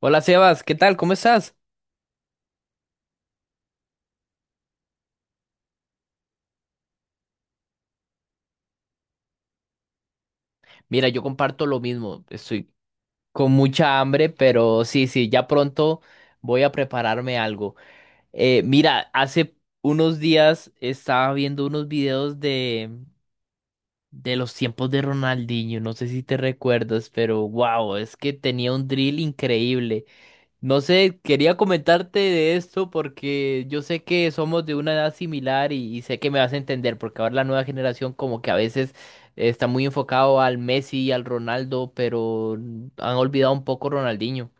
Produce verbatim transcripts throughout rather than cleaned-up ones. Hola Sebas, ¿qué tal? ¿Cómo estás? Mira, yo comparto lo mismo. Estoy con mucha hambre, pero sí, sí, ya pronto voy a prepararme algo. Eh, mira, hace unos días estaba viendo unos videos de, de los tiempos de Ronaldinho. No sé si te recuerdas, pero wow, es que tenía un drill increíble. No sé, quería comentarte de esto porque yo sé que somos de una edad similar y, y sé que me vas a entender porque ahora la nueva generación como que a veces está muy enfocado al Messi y al Ronaldo, pero han olvidado un poco Ronaldinho.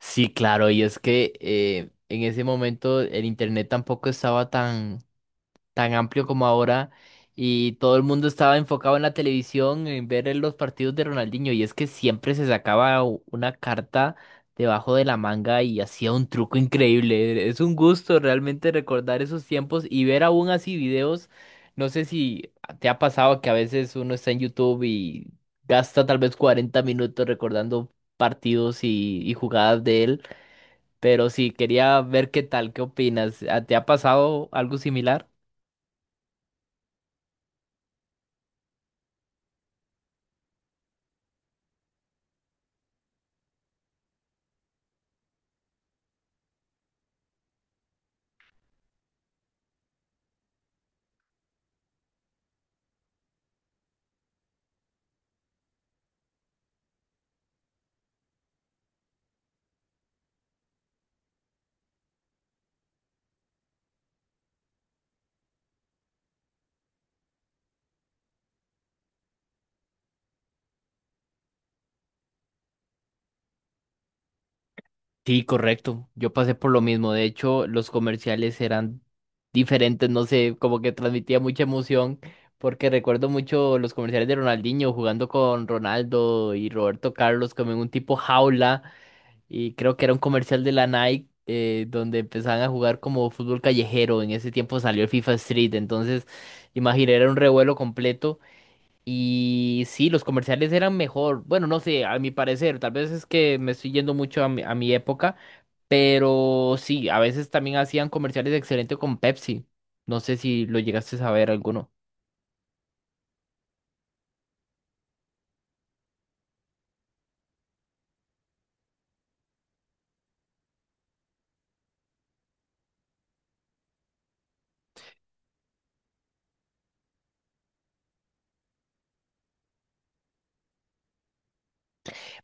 Sí, claro, y es que eh, en ese momento el internet tampoco estaba tan tan amplio como ahora y todo el mundo estaba enfocado en la televisión, en ver el- los partidos de Ronaldinho y es que siempre se sacaba u- una carta debajo de la manga y hacía un truco increíble. Es un gusto realmente recordar esos tiempos y ver aún así videos. No sé si te ha pasado que a veces uno está en YouTube y gasta tal vez cuarenta minutos recordando partidos y, y jugadas de él, pero sí, quería ver qué tal, qué opinas. ¿A- ¿Te ha pasado algo similar? Sí, correcto. Yo pasé por lo mismo. De hecho, los comerciales eran diferentes, no sé, como que transmitía mucha emoción, porque recuerdo mucho los comerciales de Ronaldinho jugando con Ronaldo y Roberto Carlos como en un tipo jaula, y creo que era un comercial de la Nike eh, donde empezaban a jugar como fútbol callejero. En ese tiempo salió el FIFA Street, entonces, imagina, era un revuelo completo. Y sí, los comerciales eran mejor. Bueno, no sé, a mi parecer, tal vez es que me estoy yendo mucho a mi a mi época. Pero sí, a veces también hacían comerciales excelentes con Pepsi. No sé si lo llegaste a ver alguno.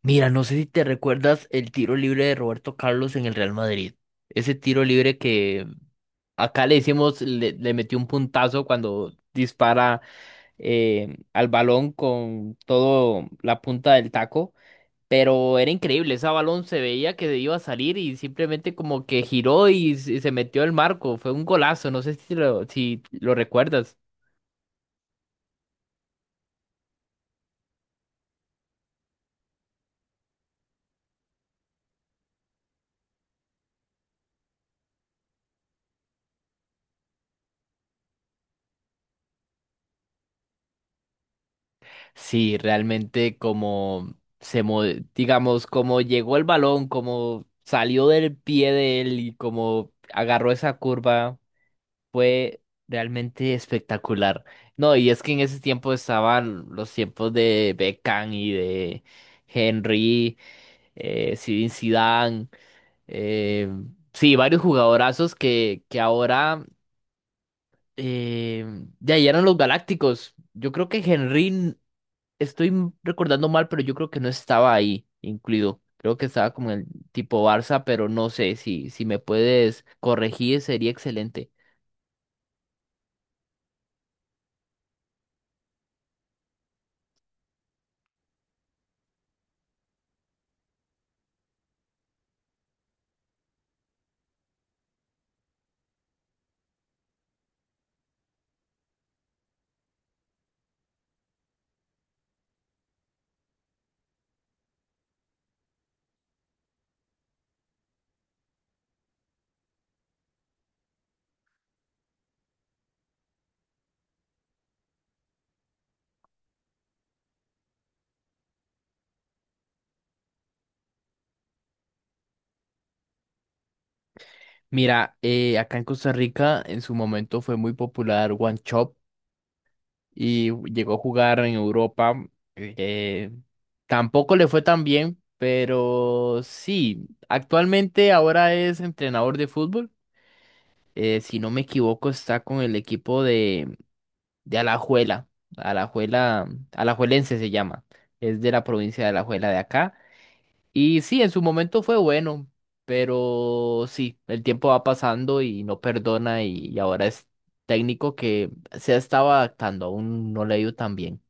Mira, no sé si te recuerdas el tiro libre de Roberto Carlos en el Real Madrid. Ese tiro libre que acá le decimos, le, le metió un puntazo cuando dispara eh, al balón con todo la punta del taco. Pero era increíble, ese balón se veía que iba a salir y simplemente como que giró y, se y se metió el marco. Fue un golazo, no sé si lo, si lo recuerdas. Sí, realmente como se mo- digamos, como llegó el balón, como salió del pie de él y como agarró esa curva, fue realmente espectacular. No, y es que en ese tiempo estaban los tiempos de Beckham y de Henry, eh, Zinedine Zidane, eh, sí, varios jugadorazos que, que ahora eh, ya eran los galácticos. Yo creo que Henry estoy m- recordando mal, pero yo creo que no estaba ahí incluido. Creo que estaba como en el tipo Barça, pero no sé si, si me puedes corregir, sería excelente. Mira, eh, acá en Costa Rica en su momento fue muy popular One Chop y llegó a jugar en Europa. eh, tampoco le fue tan bien, pero sí, actualmente ahora es entrenador de fútbol. eh, si no me equivoco, está con el equipo de Alajuela, Alajuela, Alajuelense se llama, es de la provincia de Alajuela de acá. Y sí, en su momento fue bueno, pero sí, el tiempo va pasando y no perdona y, y ahora es técnico que se ha estado adaptando, aún no le ha ido tan bien.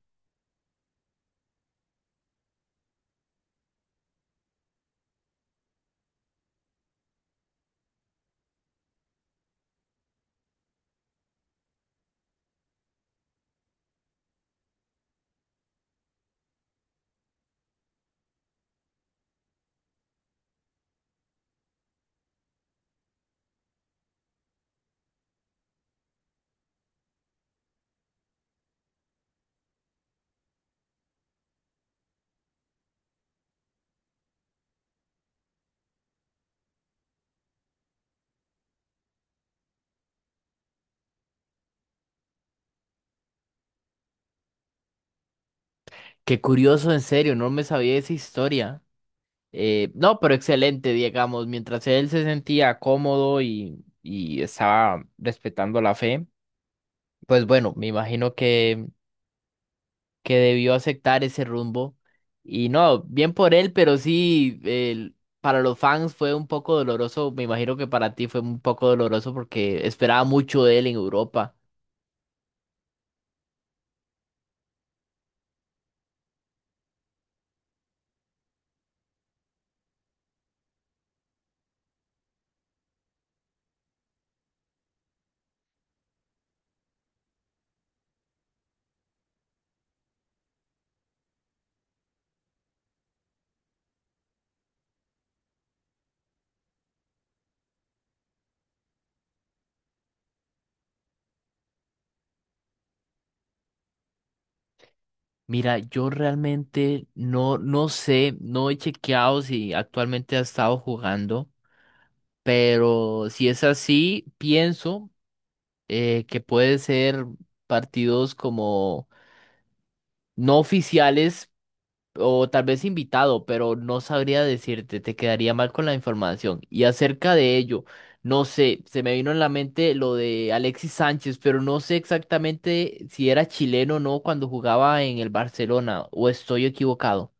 Qué curioso, en serio, no me sabía esa historia. Eh, no, pero excelente, digamos, mientras él se sentía cómodo y, y estaba respetando la fe, pues bueno, me imagino que que debió aceptar ese rumbo. Y no, bien por él, pero sí, el- para los fans fue un poco doloroso. Me imagino que para ti fue un poco doloroso porque esperaba mucho de él en Europa. Mira, yo realmente no, no sé, no he chequeado si actualmente ha estado jugando, pero si es así, pienso eh, que puede ser partidos como no oficiales o tal vez invitado, pero no sabría decirte, te quedaría mal con la información. Y acerca de ello, no sé, se me vino en la mente lo de Alexis Sánchez, pero no sé exactamente si era chileno o no cuando jugaba en el Barcelona, o estoy equivocado.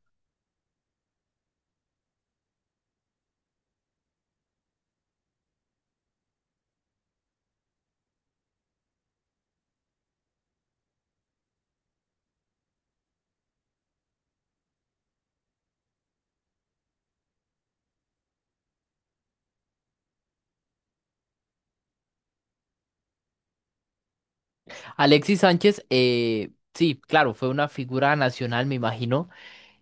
Alexis Sánchez, eh, sí, claro, fue una figura nacional, me imagino.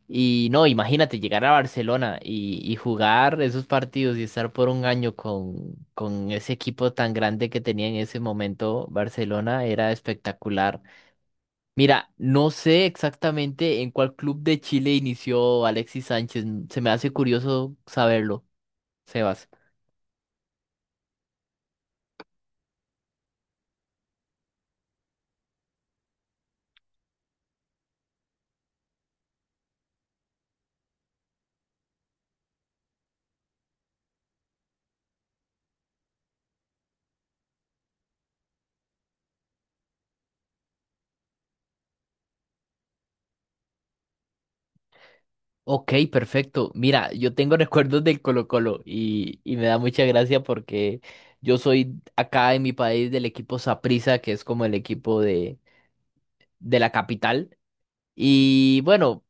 Y no, imagínate llegar a Barcelona y, y jugar esos partidos y estar por un año con, con ese equipo tan grande que tenía en ese momento Barcelona era espectacular. Mira, no sé exactamente en cuál club de Chile inició Alexis Sánchez. Se me hace curioso saberlo, Sebas. Ok, perfecto. Mira, yo tengo recuerdos del Colo-Colo y, y me da mucha gracia porque yo soy acá en mi país del equipo Saprissa, que es como el equipo de de la capital. Y bueno,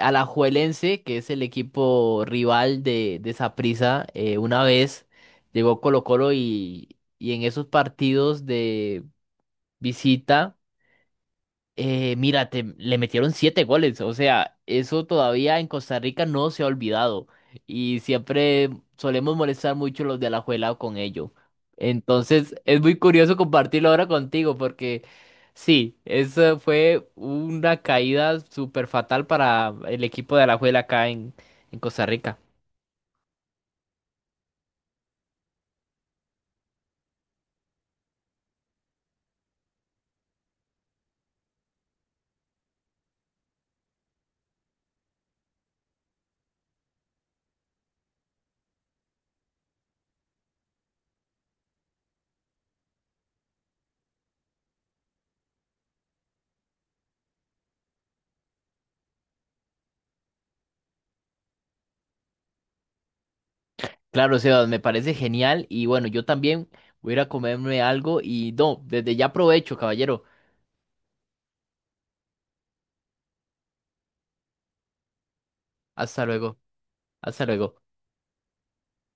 Alajuelense, que es el equipo rival de, de Saprissa, eh, una vez llegó Colo-Colo y, y en esos partidos de visita. Eh, mira, te- le metieron siete goles, o sea, eso todavía en Costa Rica no se ha olvidado y siempre solemos molestar mucho los de Alajuela con ello. Entonces, es muy curioso compartirlo ahora contigo porque sí, eso fue una caída súper fatal para el equipo de Alajuela acá en, en Costa Rica. Claro, Sebas, me parece genial y bueno, yo también voy a ir a comerme algo y no, desde ya aprovecho, caballero. Hasta luego, hasta luego.